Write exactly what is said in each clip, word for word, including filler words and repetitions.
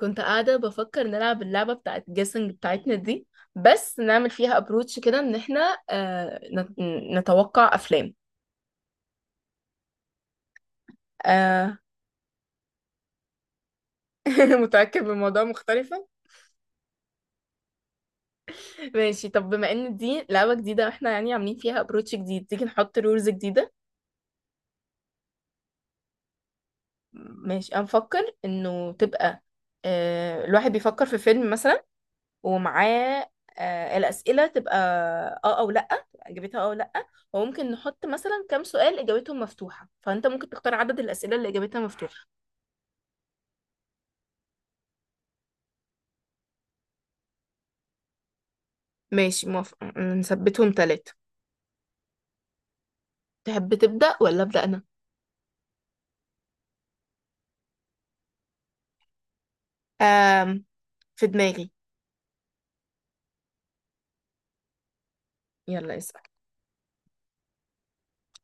كنت قاعدة بفكر نلعب اللعبة بتاعت جيسنج بتاعتنا دي، بس نعمل فيها ابروتش كده ان احنا آه نت- نتوقع افلام. آه. متأكد من الموضوع مختلفة. ماشي، طب بما ان دي لعبة جديدة واحنا يعني عاملين فيها ابروتش جديد، تيجي نحط رولز جديدة. ماشي، انا بفكر انه تبقى آه الواحد بيفكر في فيلم مثلا ومعاه آه، الأسئلة تبقى اه او لأ، إجابتها اه او لأ. وممكن نحط مثلا كام سؤال إجابتهم مفتوحة، فأنت ممكن تختار عدد الأسئلة اللي إجابتها مفتوحة. ماشي موافقة، نثبتهم تلاتة. تحب تبدأ ولا أبدأ أنا؟ آم في دماغي. يلا اسأل.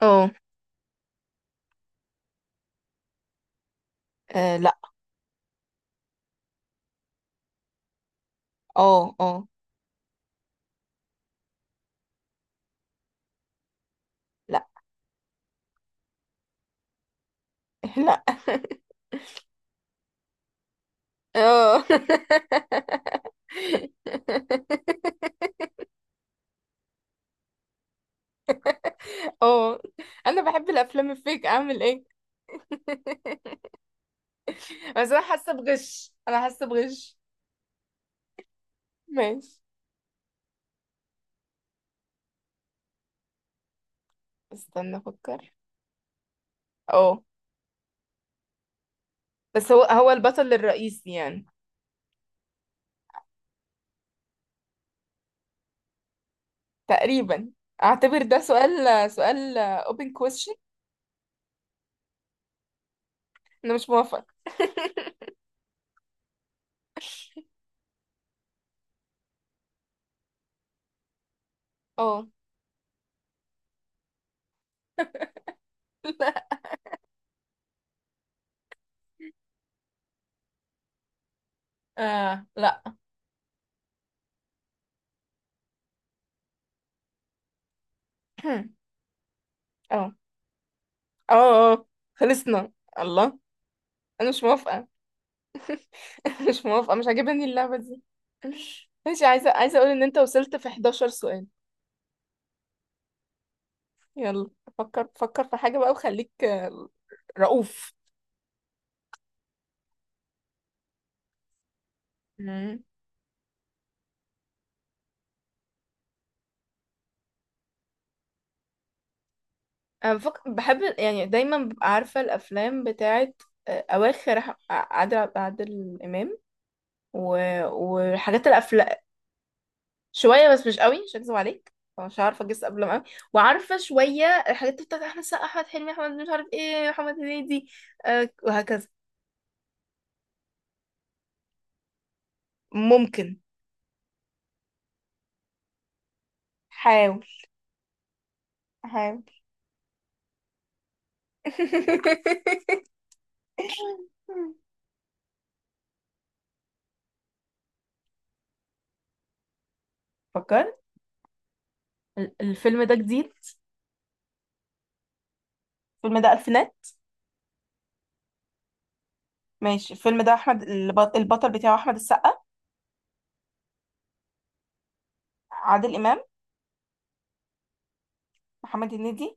اه. آه، لأ. اه اه. لأ. لأ. اه. اه، انا بحب الافلام الفيك، اعمل ايه؟ بس انا حاسه بغش، انا حاسه بغش. ماشي. استنى افكر. اه، بس هو هو البطل الرئيسي يعني. تقريبا. اعتبر ده سؤال سؤال. open question. انا مش موافقه. اه. لا. آه. لا. اه. اه. اه. خلصنا. الله. انا مش موافقه. مش موافقه، مش عاجباني اللعبه دي. ماشي، عايزه عايزه اقول ان انت وصلت في حداشر سؤال. يلا. فكر فكر في حاجه بقى وخليك آه، رؤوف. مم. انا بفك... بحب يعني دايما ببقى عارفه الافلام بتاعت آه، اواخر أح- عادل عب- عادل امام و... وحاجات الافلام. شويه بس مش قوي، مش هكذب عليك. مش عارفه اجس قبل ما قوي. وعارفه شويه الحاجات بتاعت احمد سقا، احمد حلمي، احمد مش عارف ايه، محمد هنيدي. أه... وهكذا. ممكن. حاول. حاول. فكرت. ال- الفيلم ده جديد؟ الفيلم ده الفينات. ماشي، الفيلم ده احمد البط- البطل بتاعه احمد السقا؟ عادل امام؟ محمد هنيدي؟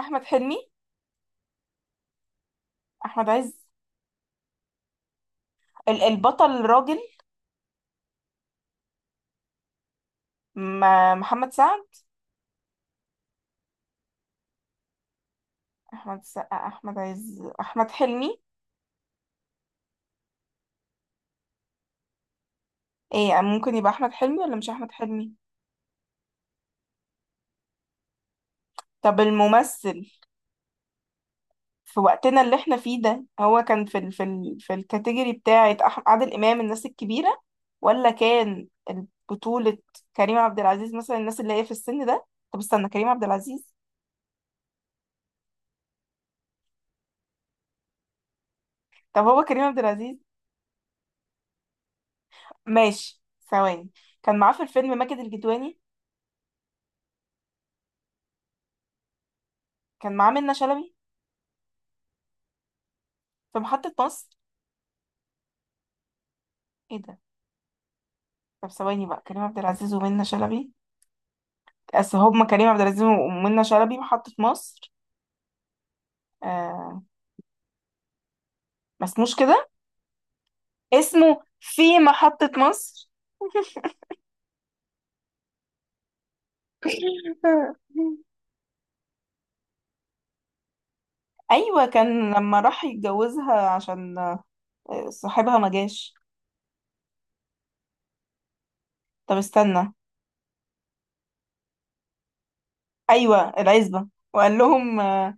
احمد حلمي؟ احمد عز؟ ال- البطل الراجل؟ م- محمد سعد؟ احمد السقا، احمد عز، احمد حلمي. ايه، ممكن يبقى احمد حلمي ولا مش احمد حلمي؟ طب الممثل في وقتنا اللي احنا فيه ده، هو كان في ال في ال في الكاتيجوري بتاعه أح- عادل امام، الناس الكبيره؟ ولا كان بطوله كريم عبد العزيز مثلا، الناس اللي هي في السن ده؟ طب استنى، كريم عبد العزيز. طب هو كريم عبد العزيز؟ ماشي. ثواني. كان معاه في الفيلم ماجد الكدواني؟ كان معاه منة شلبي في محطة مصر؟ ايه ده. طب ثواني بقى، كريم عبد العزيز ومنة شلبي. اصل هما كريم عبد العزيز ومنة شلبي محطة مصر. آه. ما اسموش كده. اسمه في محطة مصر. ايوه، كان لما راح يتجوزها عشان آه، صاحبها ما جاش. طب استنى. ايوه، العزبة. وقال لهم آه،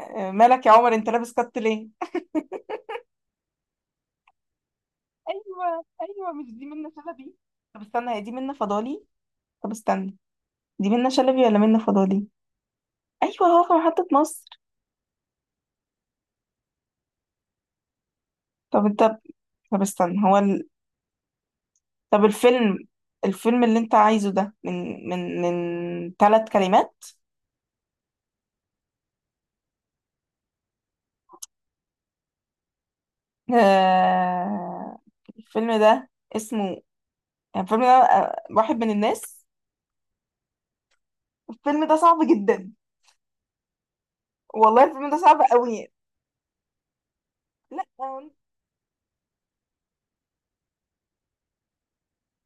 آه، مالك يا عمر، انت لابس كت ليه؟ ايوه ايوه، مش دي منة شلبي؟ طب استنى، هي دي منة فضالي؟ طب استنى، دي منة شلبي ولا منة فضالي؟ ايوه، هو في محطة مصر. طب انت. طب استنى، هو ال... طب الفيلم. الفيلم اللي انت عايزه ده من من من ثلاث كلمات؟ آه... الفيلم ده اسمه يعني، الفيلم ده آه، واحد من الناس؟ الفيلم ده صعب جدا. والله الفيلم ده صعب قوي. لا آه،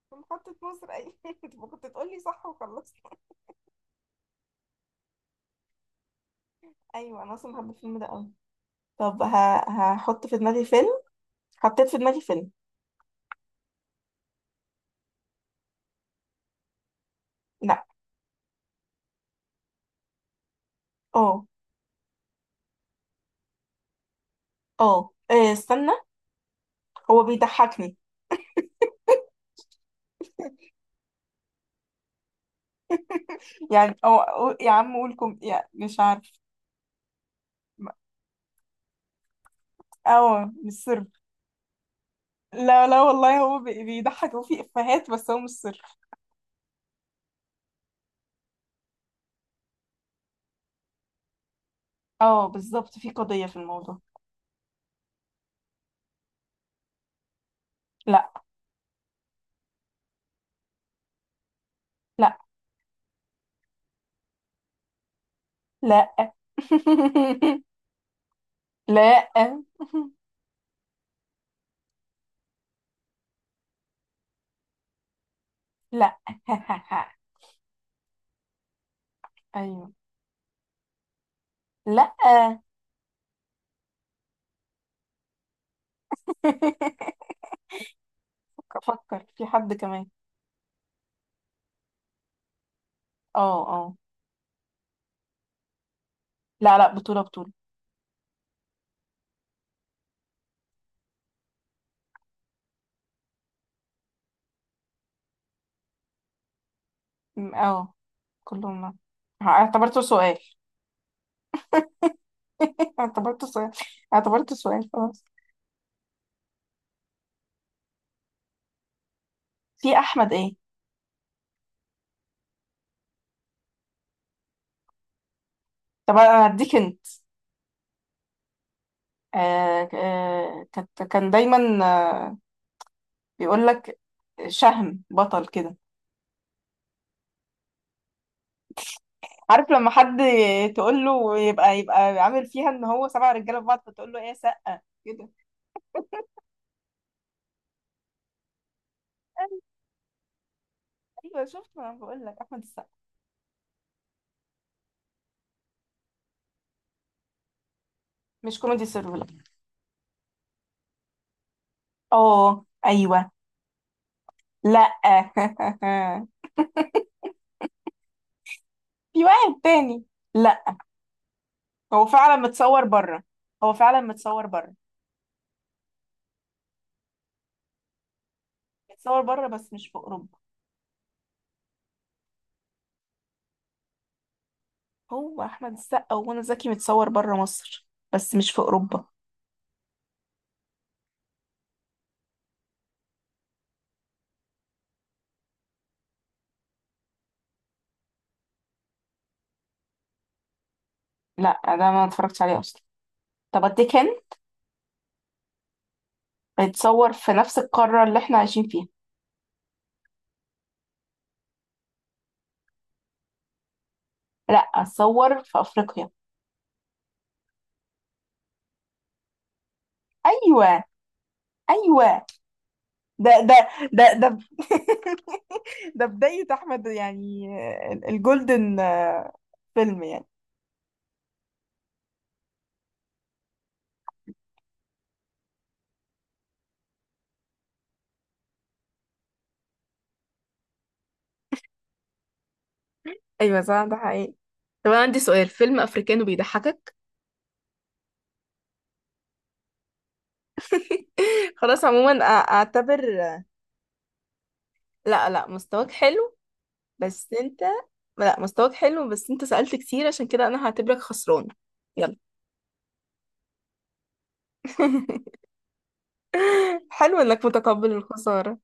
في محطة مصر ايوه. انت كنت تقولي صح وخلصت. ايوه، انا اصلا بحب الفيلم ده قوي. طب ه... هحط في دماغي فيلم. حطيت في دماغي فيلم. لا. اه. اه. إيه، استنى، هو بيضحكني يعني. أو أو- يا عم قول كم يعني، مش عارف. اه، مش سر. لا لا، والله هو بي- بيضحك وفي افيهات، بس هو مش سر. اه بالظبط، في قضية في الموضوع. لا. لا. لا. لا. لا. ايوه. لا. افكر في حد كمان. اه. اه. لا لا، بطولة بطولة. م- اه. كلهم لا. اعتبرته سؤال. اعتبرته سؤال. اعتبرته سؤال، خلاص. في احمد ايه. طب انا هديك انت. آه آه كانت كان دايما آه بيقول لك، شهم بطل كده. عارف لما حد تقول له يبقى يبقى عامل فيها ان هو سبع رجاله في بعض، فتقول له ايه سقه كده. ايوه شفت، ما انا بقول لك احمد السقا. مش كوميدي سيرفر. اه ايوه. لا. في واحد تاني. لا. هو فعلا متصور بره. هو فعلا متصور بره. متصور بره بس مش في اوروبا. هو احمد السقا ومنى زكي متصور بره مصر بس مش في اوروبا. لا، ده ما اتفرجتش عليه اصلا. طب اديك هند. بيتصور في نفس القاره اللي احنا عايشين فيها. لا، اتصور في افريقيا. ايوه. ايوه. ده ده ده ده. ده بدايه احمد يعني، ال- الجولدن آه، فيلم يعني. ايوه صح، ده حقيقي. طب انا عندي سؤال، فيلم افريكانو بيضحكك؟ خلاص عموما أ- اعتبر. لا لا، مستواك حلو، بس انت. لا مستواك حلو، بس انت سألت كتير، عشان كده انا هعتبرك خسران. يلا. حلو انك متقبل الخسارة.